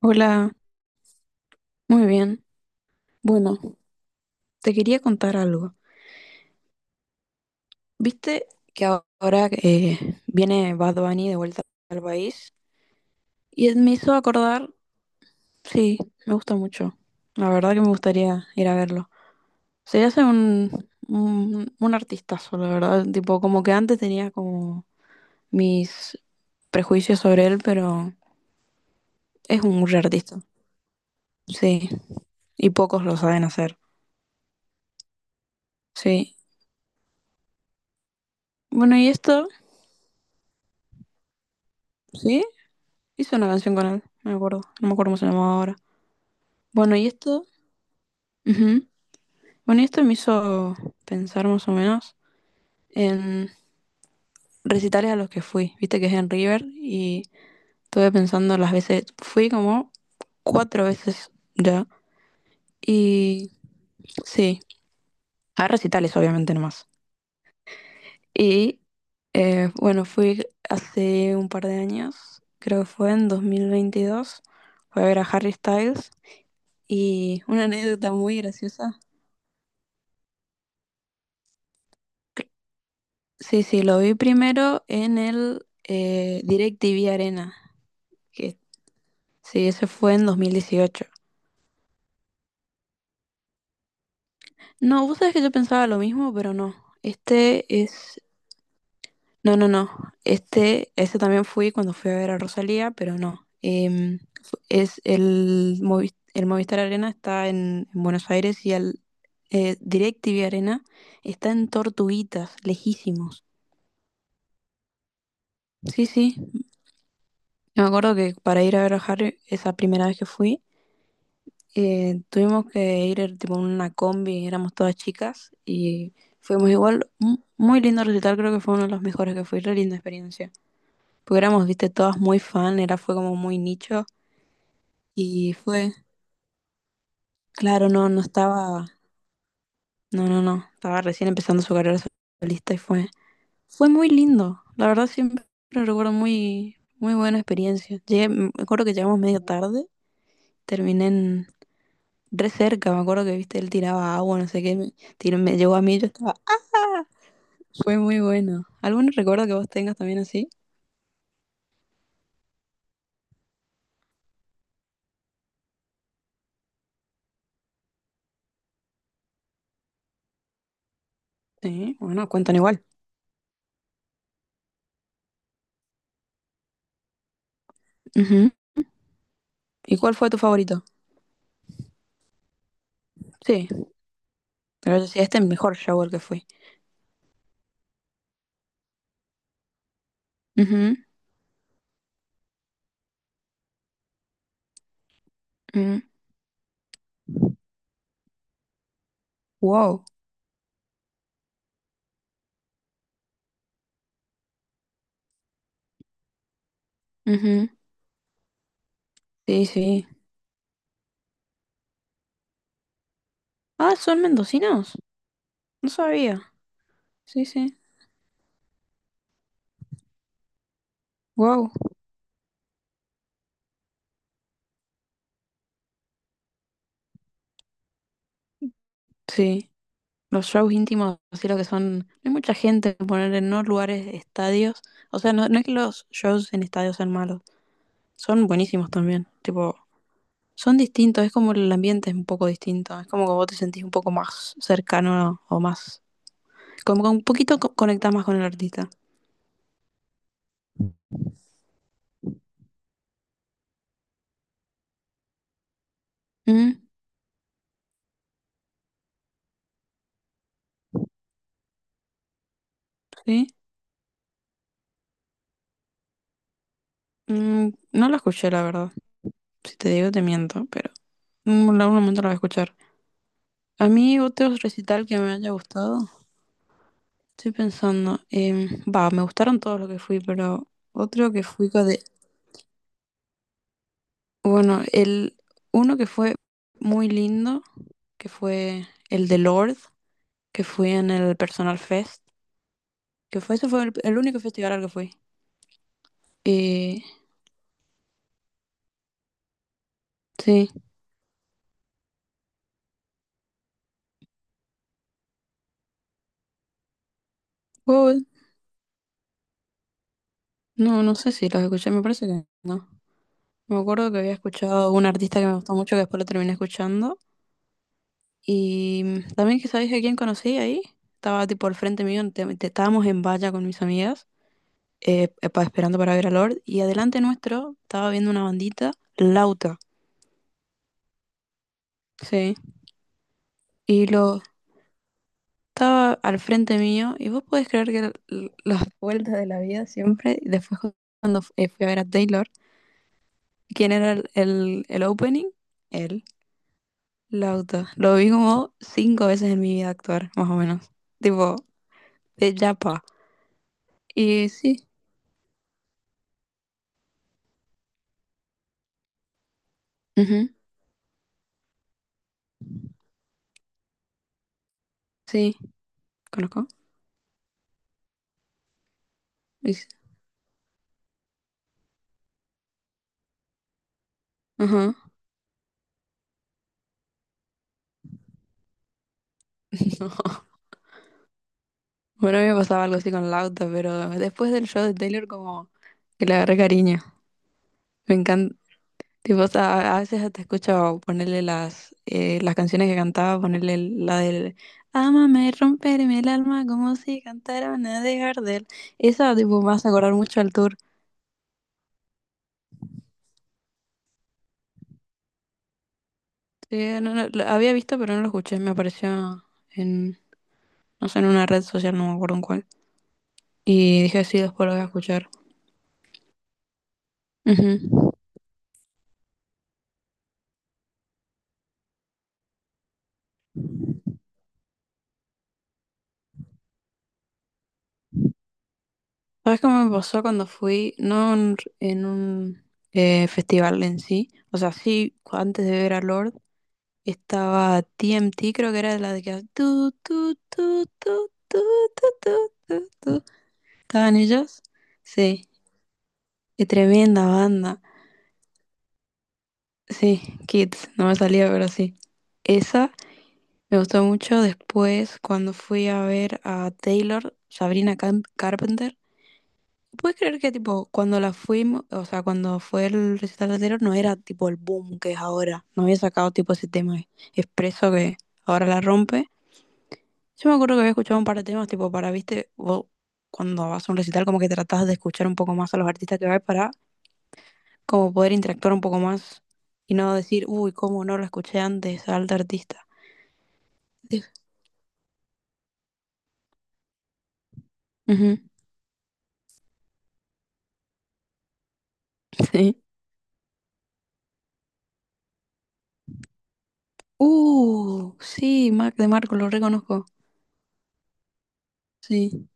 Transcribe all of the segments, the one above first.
Hola, muy bien. Bueno, te quería contar algo. ¿Viste que ahora viene Bad Bunny de vuelta al país? Y él me hizo acordar, sí, me gusta mucho. La verdad que me gustaría ir a verlo. Se hace un artistazo, la verdad. Tipo, como que antes tenía como mis prejuicios sobre él, pero es un gran artista. Sí, y pocos lo saben hacer. Sí. Bueno, y esto, sí. Hizo una canción con él, no me acuerdo. No me acuerdo cómo se llamaba ahora. Bueno, y esto. Ujú. Bueno, y esto me hizo pensar más o menos en recitales a los que fui. Viste que es en River y estuve pensando las veces. Fui como cuatro veces ya. Y sí, a recitales, obviamente, nomás. Y bueno, fui hace un par de años, creo que fue en 2022. Fui a ver a Harry Styles. Y una anécdota muy graciosa. Sí, sí, lo vi primero en el DirecTV Arena, que sí, ese fue en 2018. No, vos sabés que yo pensaba lo mismo, pero no. Este es. No, no, no. Ese también fui cuando fui a ver a Rosalía, pero no. Es el Movistar Arena está en Buenos Aires y el DirecTV Arena está en Tortuguitas, lejísimos. Sí, sí. Me acuerdo que para ir a ver a Harry, esa primera vez que fui, tuvimos que ir tipo en una combi, éramos todas chicas y fuimos igual, un muy lindo recital, creo que fue uno de los mejores que fue, re linda experiencia. Porque éramos, viste, todas muy fan, era fue como muy nicho y fue, claro, no, no estaba, no, no, no, estaba recién empezando su carrera solista y fue muy lindo. La verdad siempre recuerdo muy, muy buena experiencia. Llegué, me acuerdo que llegamos medio tarde, terminé en, re cerca, me acuerdo que, viste, él tiraba agua, no sé qué, me llegó a mí, yo estaba. Fue muy bueno. ¿Algún recuerdo que vos tengas también así? Sí, bueno, cuentan igual. Ujú. ¿Y cuál fue tu favorito? Sí, pero yo sí, este es el mejor shower que fui. Ujú, ujú. Wow. Ujú. Sí, sí. Ah, ¿son mendocinos? No sabía. Sí, sí. Wow. Sí. Los shows íntimos, así lo que son. No hay mucha gente, poner en no lugares, estadios. O sea, no, no es que los shows en estadios sean malos. Son buenísimos también. Tipo, son distintos, es como el ambiente es un poco distinto, es como que vos te sentís un poco más cercano o más, como que un poquito conectás más con el artista. Mm, ¿sí? Mm, no lo escuché, la verdad. Si te digo, te miento, pero en algún momento lo voy a escuchar. A mí otro recital que me haya gustado, estoy pensando, va, me gustaron todos los que fui, pero otro que fui de, bueno, el uno que fue muy lindo, que fue el de Lord, que fui en el Personal Fest. Que fue, ese fue el único festival al que fui. Y sí, Google, no, no sé si los escuché, me parece que no. Me acuerdo que había escuchado un artista que me gustó mucho, que después lo terminé escuchando. Y también que sabéis a quién conocí ahí. Estaba tipo al frente mío, estábamos en valla con mis amigas, esperando para ver a Lord. Y adelante nuestro estaba viendo una bandita, Lauta. Sí. Y lo estaba al frente mío. Y vos podés creer que las vueltas de la vida siempre. Y después cuando fui a ver a Taylor, ¿quién era el opening? Él, Lauta. Lo vi como cinco veces en mi vida actuar, más o menos. Tipo, de Yapa. Y sí, ujú, sí, conozco. Y sí, ajá. No. Bueno, a mí me pasaba algo así con Lauta, pero después del show de Taylor como que le agarré cariño. Me encanta, tipo, o sea, a veces hasta escucho ponerle las canciones que cantaba, ponerle la del Ámame, romperme el alma como si cantara una de Gardel. Esa, tipo, me hace acordar mucho al tour. Sí, no, no, lo había visto, pero no lo escuché. Me apareció en, no sé, en una red social, no me acuerdo en cuál. Y dije, sí, después lo voy a escuchar. Ujú. ¿Sabes cómo me pasó cuando fui? No en un festival en sí. O sea, sí, antes de ver a Lord. Estaba TMT creo que era la de que. Tu, tu, tu, tu, tu, tu, tu, tu, tu. ¿Estaban ellos? Sí, qué tremenda banda. Sí, Kids, no me salía, pero sí. Esa me gustó mucho después cuando fui a ver a Taylor, Sabrina Carpenter. ¿Puedes creer que tipo cuando la fuimos, o sea, cuando fue el recital de Taylor no era tipo el boom que es ahora? No había sacado tipo ese tema expreso que ahora la rompe. Yo me acuerdo que había escuchado un par de temas, tipo, para, viste, vos cuando vas a un recital como que tratás de escuchar un poco más a los artistas que vas para como poder interactuar un poco más y no decir, uy, cómo no lo escuché antes al tal artista. Sí. Ujú, sí. Sí, Mac de Marco, lo reconozco. Sí.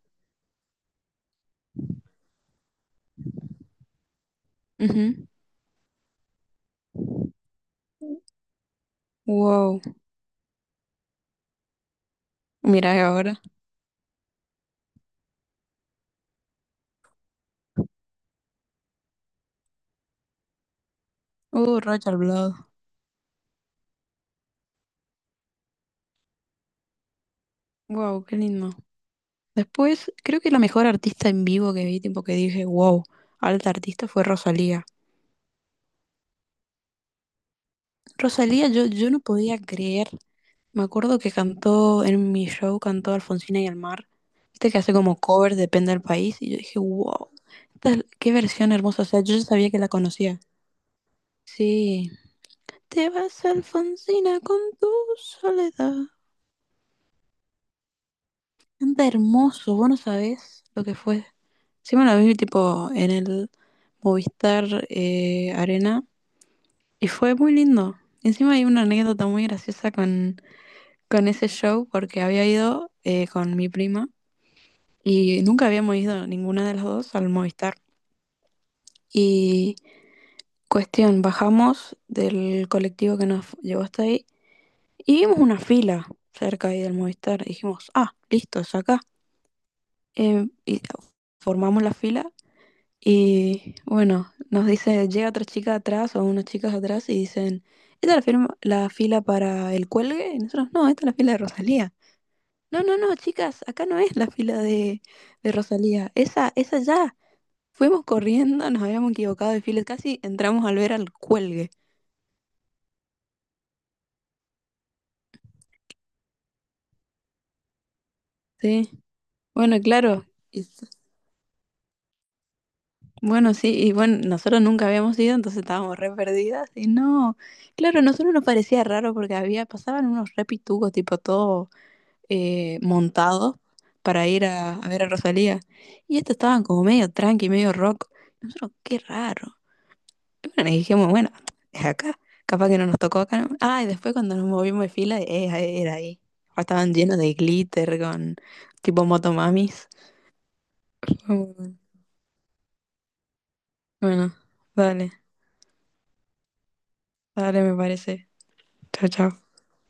Ujú. Wow. Mira ahora. Rocha al Blado. Wow, qué lindo. Después, creo que la mejor artista en vivo que vi, tipo que dije, wow, alta artista fue Rosalía. Rosalía, yo no podía creer. Me acuerdo que cantó en mi show, cantó Alfonsina y el mar. Viste que hace como covers, depende del país. Y yo dije, wow, qué versión hermosa. O sea, yo ya sabía que la conocía. Sí. Te vas, Alfonsina, con tu soledad. Canta hermoso, vos no sabés lo que fue. Sí, me la vi tipo en el Movistar Arena. Y fue muy lindo. Encima hay una anécdota muy graciosa con ese show porque había ido con mi prima. Y nunca habíamos ido ninguna de las dos al Movistar. Y cuestión, bajamos del colectivo que nos llevó hasta ahí y vimos una fila cerca ahí del Movistar. Y dijimos, ah, listo, es acá. Y formamos la fila y bueno, nos dice, llega otra chica atrás o unas chicas atrás y dicen, ¿esta es la fila para el cuelgue? Y nosotros, no, esta es la fila de Rosalía. No, no, no, chicas, acá no es la fila de Rosalía, esa ya. Fuimos corriendo, nos habíamos equivocado de filas, casi entramos al ver al cuelgue. Sí, bueno, claro. Y bueno, sí, y bueno, nosotros nunca habíamos ido, entonces estábamos re perdidas. Y no, claro, a nosotros nos parecía raro porque había, pasaban unos re pitugos, tipo todo montados para ir a ver a Rosalía. Y estos estaban como medio tranqui, medio rock. Nosotros, qué raro. Es una energía muy buena. Es acá. Capaz que no nos tocó acá, ¿no? Ah, y después cuando nos movimos de fila, ahí era ahí. Ah, estaban llenos de glitter con tipo motomamis. Fue muy bueno. Bueno, dale, dale, me parece. Chao, chao.